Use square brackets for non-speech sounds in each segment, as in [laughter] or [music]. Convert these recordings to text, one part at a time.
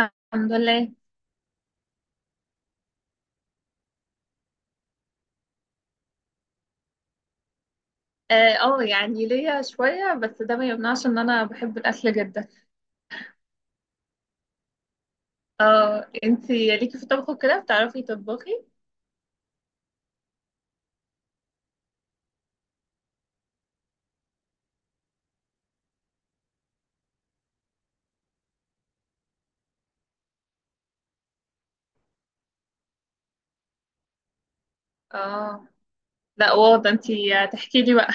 الحمد لله. اه، يعني ليا شوية، بس ده ما يمنعش ان انا بحب الاكل جدا. اه، انتي ليكي في الطبخ كده، بتعرفي تطبخي؟ اه، لا واضح، انتي تحكي لي بقى.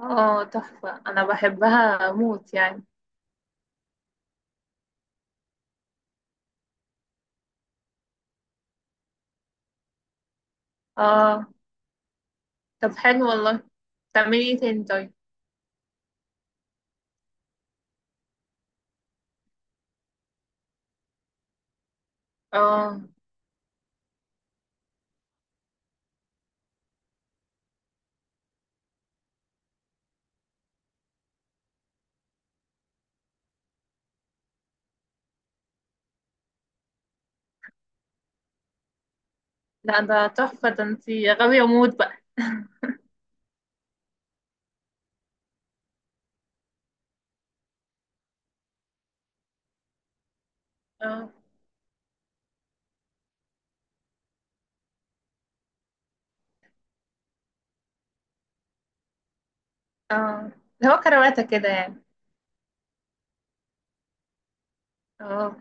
اه، تحفة، انا بحبها موت يعني. اه، طب حلو والله. تعملي ايه تاني؟ طيب. اه، لا ده تحفة، ده انتي غاوية موت بقى. اه، اه، اللي هو كرواتة كده يعني. اه،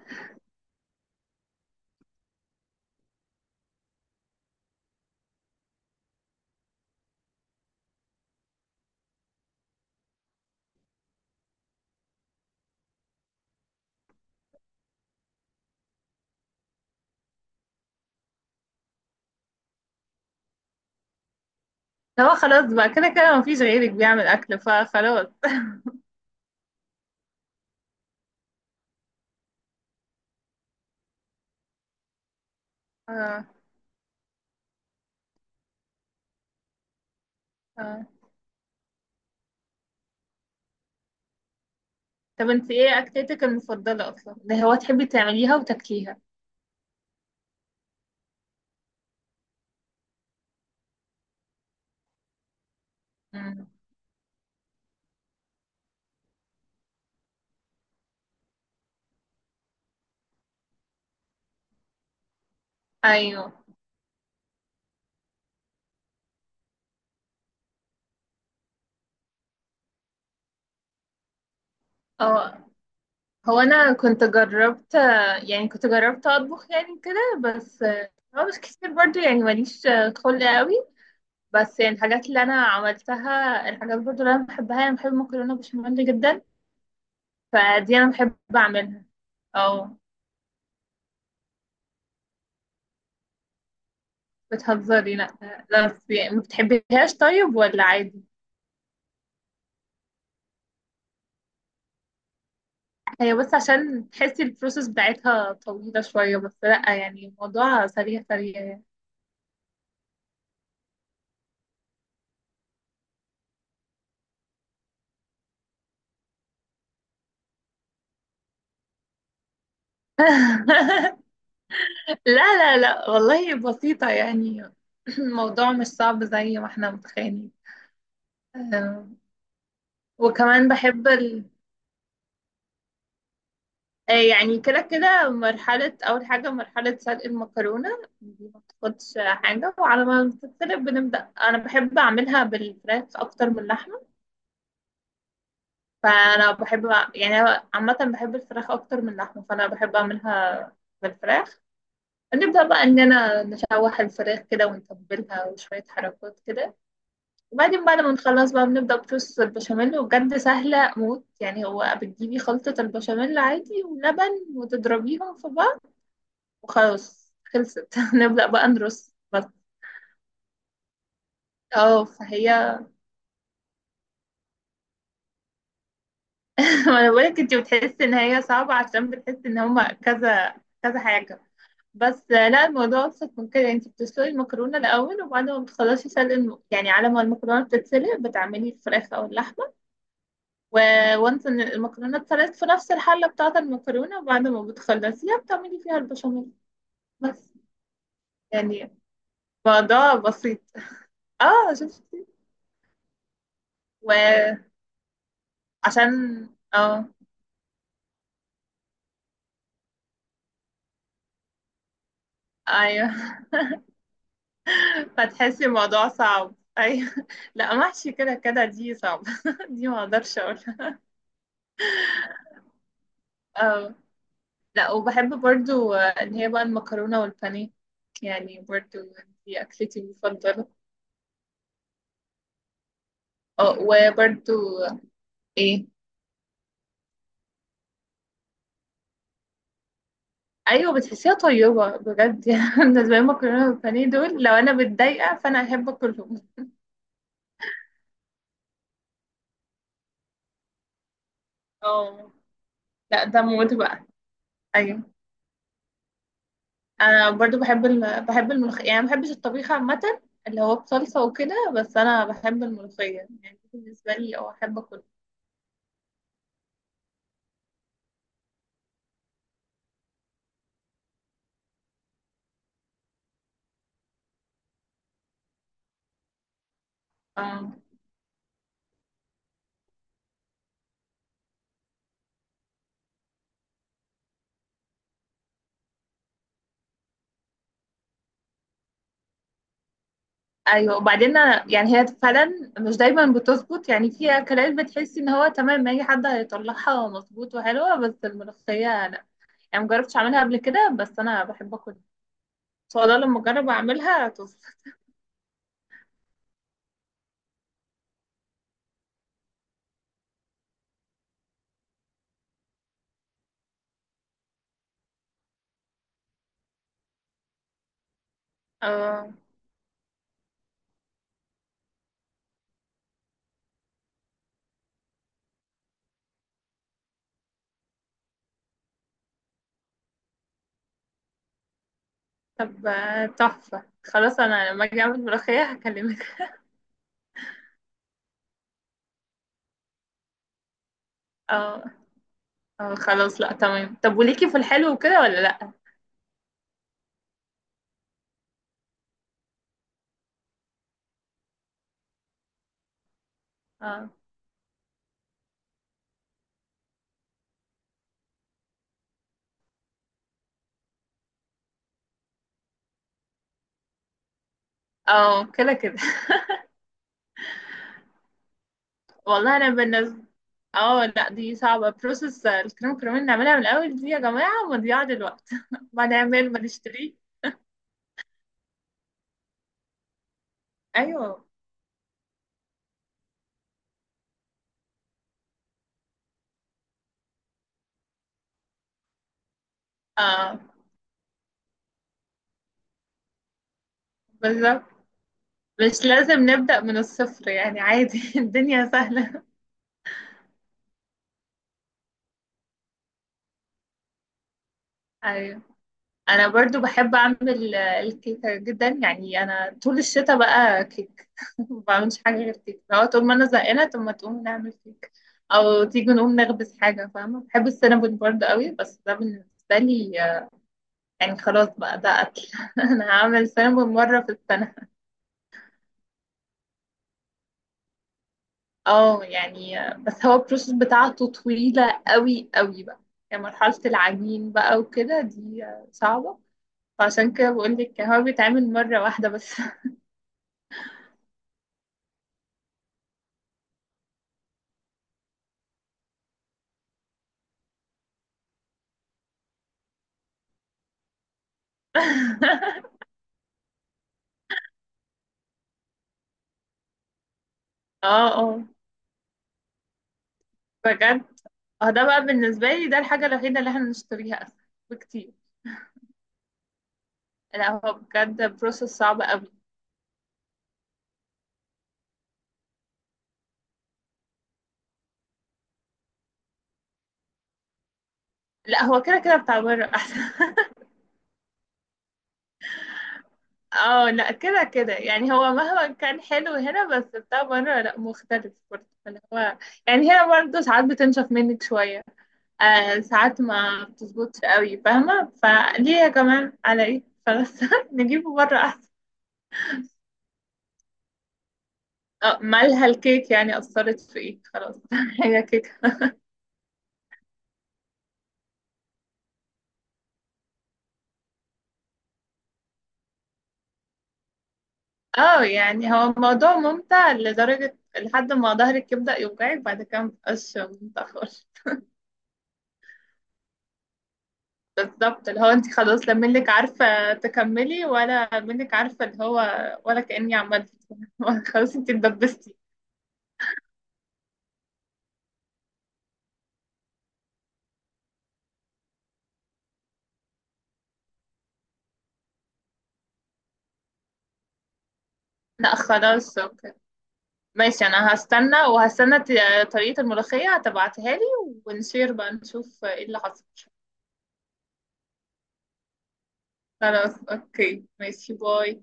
اللي هو خلاص بقى، كده كده مفيش غيرك بيعمل اكل فخلاص. [laughs] اه، اه، طب انت ايه اكلتك المفضلة اصلا، ده هو تحبي تعمليها وتاكليها؟ مم. ايوه، اه. هو انا كنت جربت، يعني كنت جربت اطبخ يعني كده، بس هو مش كتير برضو، يعني ماليش خلق قوي. بس يعني الحاجات اللي انا عملتها، الحاجات برضو اللي انا بحبها، انا بحب المكرونة بشاميل جدا. فدي انا بحب اعملها. اه، بتهزري؟ لا. لا بس يعني، ما بتحبيهاش طيب ولا عادي؟ هي بس عشان تحسي البروسيس بتاعتها طويلة شوية، بس لأ يعني الموضوع سريع سريع يعني. [laughs] لا لا لا والله بسيطة يعني. [clears throat] الموضوع مش صعب زي ما احنا متخيلين. آه، وكمان بحب يعني كده كده، مرحلة أول حاجة، مرحلة سلق المكرونة. دي ما بتاخدش حاجة، وعلى ما بتتسلق بنبدأ. أنا بحب أعملها بالفراخ أكتر من اللحمة. فانا بحب يعني أنا عامه بحب الفراخ اكتر من اللحمه، فانا بحب اعملها بالفراخ. نبدا بقى اننا نشوح الفراخ كده ونتبلها وشويه حركات كده، وبعدين بعد ما نخلص بقى بنبدا بصوص البشاميل. وبجد سهله موت يعني، هو بتجيبي خلطه البشاميل عادي ولبن وتضربيهم في بعض وخلاص خلصت. [laughs] نبدا بقى نرص بس. اه فهي. [laughs] ما انا بقولك، انت بتحسي ان هي صعبه عشان بتحسي ان هما كذا كذا حاجه. بس لا، الموضوع ابسط من كده. يعني انت بتسلقي المكرونه الاول، وبعد ما بتخلصي سلق يعني على ما المكرونه بتتسلق بتعملي الفراخ او اللحمه. و... وانت إن المكرونه اتسلقت في نفس الحله بتاعه المكرونه، وبعد ما بتخلصيها بتعملي فيها البشاميل بس. يعني الموضوع بسيط. اه، شفتي؟ وعشان اه ايوه. [laughs] فتحسي الموضوع صعب، ايوه. [laughs] لا، محشي كده كده، دي صعبه. [laughs] دي ما اقدرش اقولها. اه، لا وبحب برضو اللي هي بقى المكرونة والبانيه، يعني برضو دي أكلتي المفضلة. اه، وبرضو إيه، أيوة بتحسيها طيبة بجد. [laughs] يعني بالنسبة لي المكرونة والبانيه دول، لو أنا متضايقة فأنا أحب أكلهم. اه، لا ده موت بقى. أيوة. أنا برضو بحب بحب الملوخية. يعني ما بحبش الطبيخ عامة، اللي هو بصلصة وكده، بس أنا بحب الملوخية. يعني بالنسبة لي، أه أحب أكل. ايوه، وبعدين يعني هي فعلا مش دايما بتظبط. يعني في اكلات بتحسي ان هو تمام، اي حد هيطلعها مظبوط وحلوه، بس الملوخيه لا. يعني مجربتش اعملها قبل كده، بس انا بحب اكل ان شاء الله لما اجرب اعملها تظبط. اه، طب تحفه، خلاص انا لما اجي اعمل ملوخيه هكلمك. اه، اه، خلاص. لا تمام. طب وليكي في الحلو وكده ولا لا؟ اه، اه، كده كده والله. انا بالنسبه، اه، لا دي صعبه. بروسس الكريم كريمين نعملها من الاول، دي يا جماعه مضيعه للوقت. [laughs] ما نعمل، ما نشتريه. ايوه، اه، بالظبط. مش لازم نبدا من الصفر يعني، عادي. [laughs] الدنيا سهله. ايوه. انا برضو بحب اعمل الكيكه جدا. يعني انا طول الشتاء بقى كيك. [laughs] ما بعملش حاجه غير كيك. لو طول ما انا زهقانه، طب ما تقوم نعمل كيك، او تيجي نقوم نخبز حاجه فاهمه. بحب السينابون برضو قوي، بس ده بالنسبه لي يعني خلاص بقى، ده قتل. [laughs] انا هعمل سامبل مرة في السنة. اه، يعني بس هو البروسيس بتاعته طويلة قوي قوي بقى. يعني مرحلة العجين بقى وكده، دي صعبة. فعشان كده بقول لك، هو بيتعمل مرة واحدة بس. [laughs] اه، اه، بجد. اه، ده بقى بالنسبة لي، ده الحاجة الوحيدة اللي احنا بنشتريها أسهل بكتير. لا هو بجد بروسيس صعب قوي. لا هو كده كده، بتاع بره أحسن. [laughs] اه، لا كده كده يعني. هو مهما كان حلو هنا، بس بتاع بره لا مختلف برضه اللي هو. يعني هنا برضه ساعات بتنشف منك شوية، ساعات ما بتظبطش قوي فاهمة. فليه يا جماعة، على ايه؟ خلاص. [laughs] نجيبه بره احسن. اه، مالها الكيك يعني؟ أثرت في ايه؟ خلاص. [laughs] هي كيك. اه يعني هو الموضوع ممتع لدرجة لحد ما ظهرك يبدأ يوجعك، بعد كده مبقاش ممتع خالص. بالظبط، اللي هو انت خلاص، لا منك عارفة تكملي، ولا منك عارفة اللي هو، ولا كأني عملت. [laughs] خلاص انت اتدبستي. لا خلاص اوكي، ماشي. انا هستنى وهستنى طريقة الملوخية هتبعتها لي. ونشير بقى نشوف ايه اللي حصل. خلاص اوكي، ماشي، باي.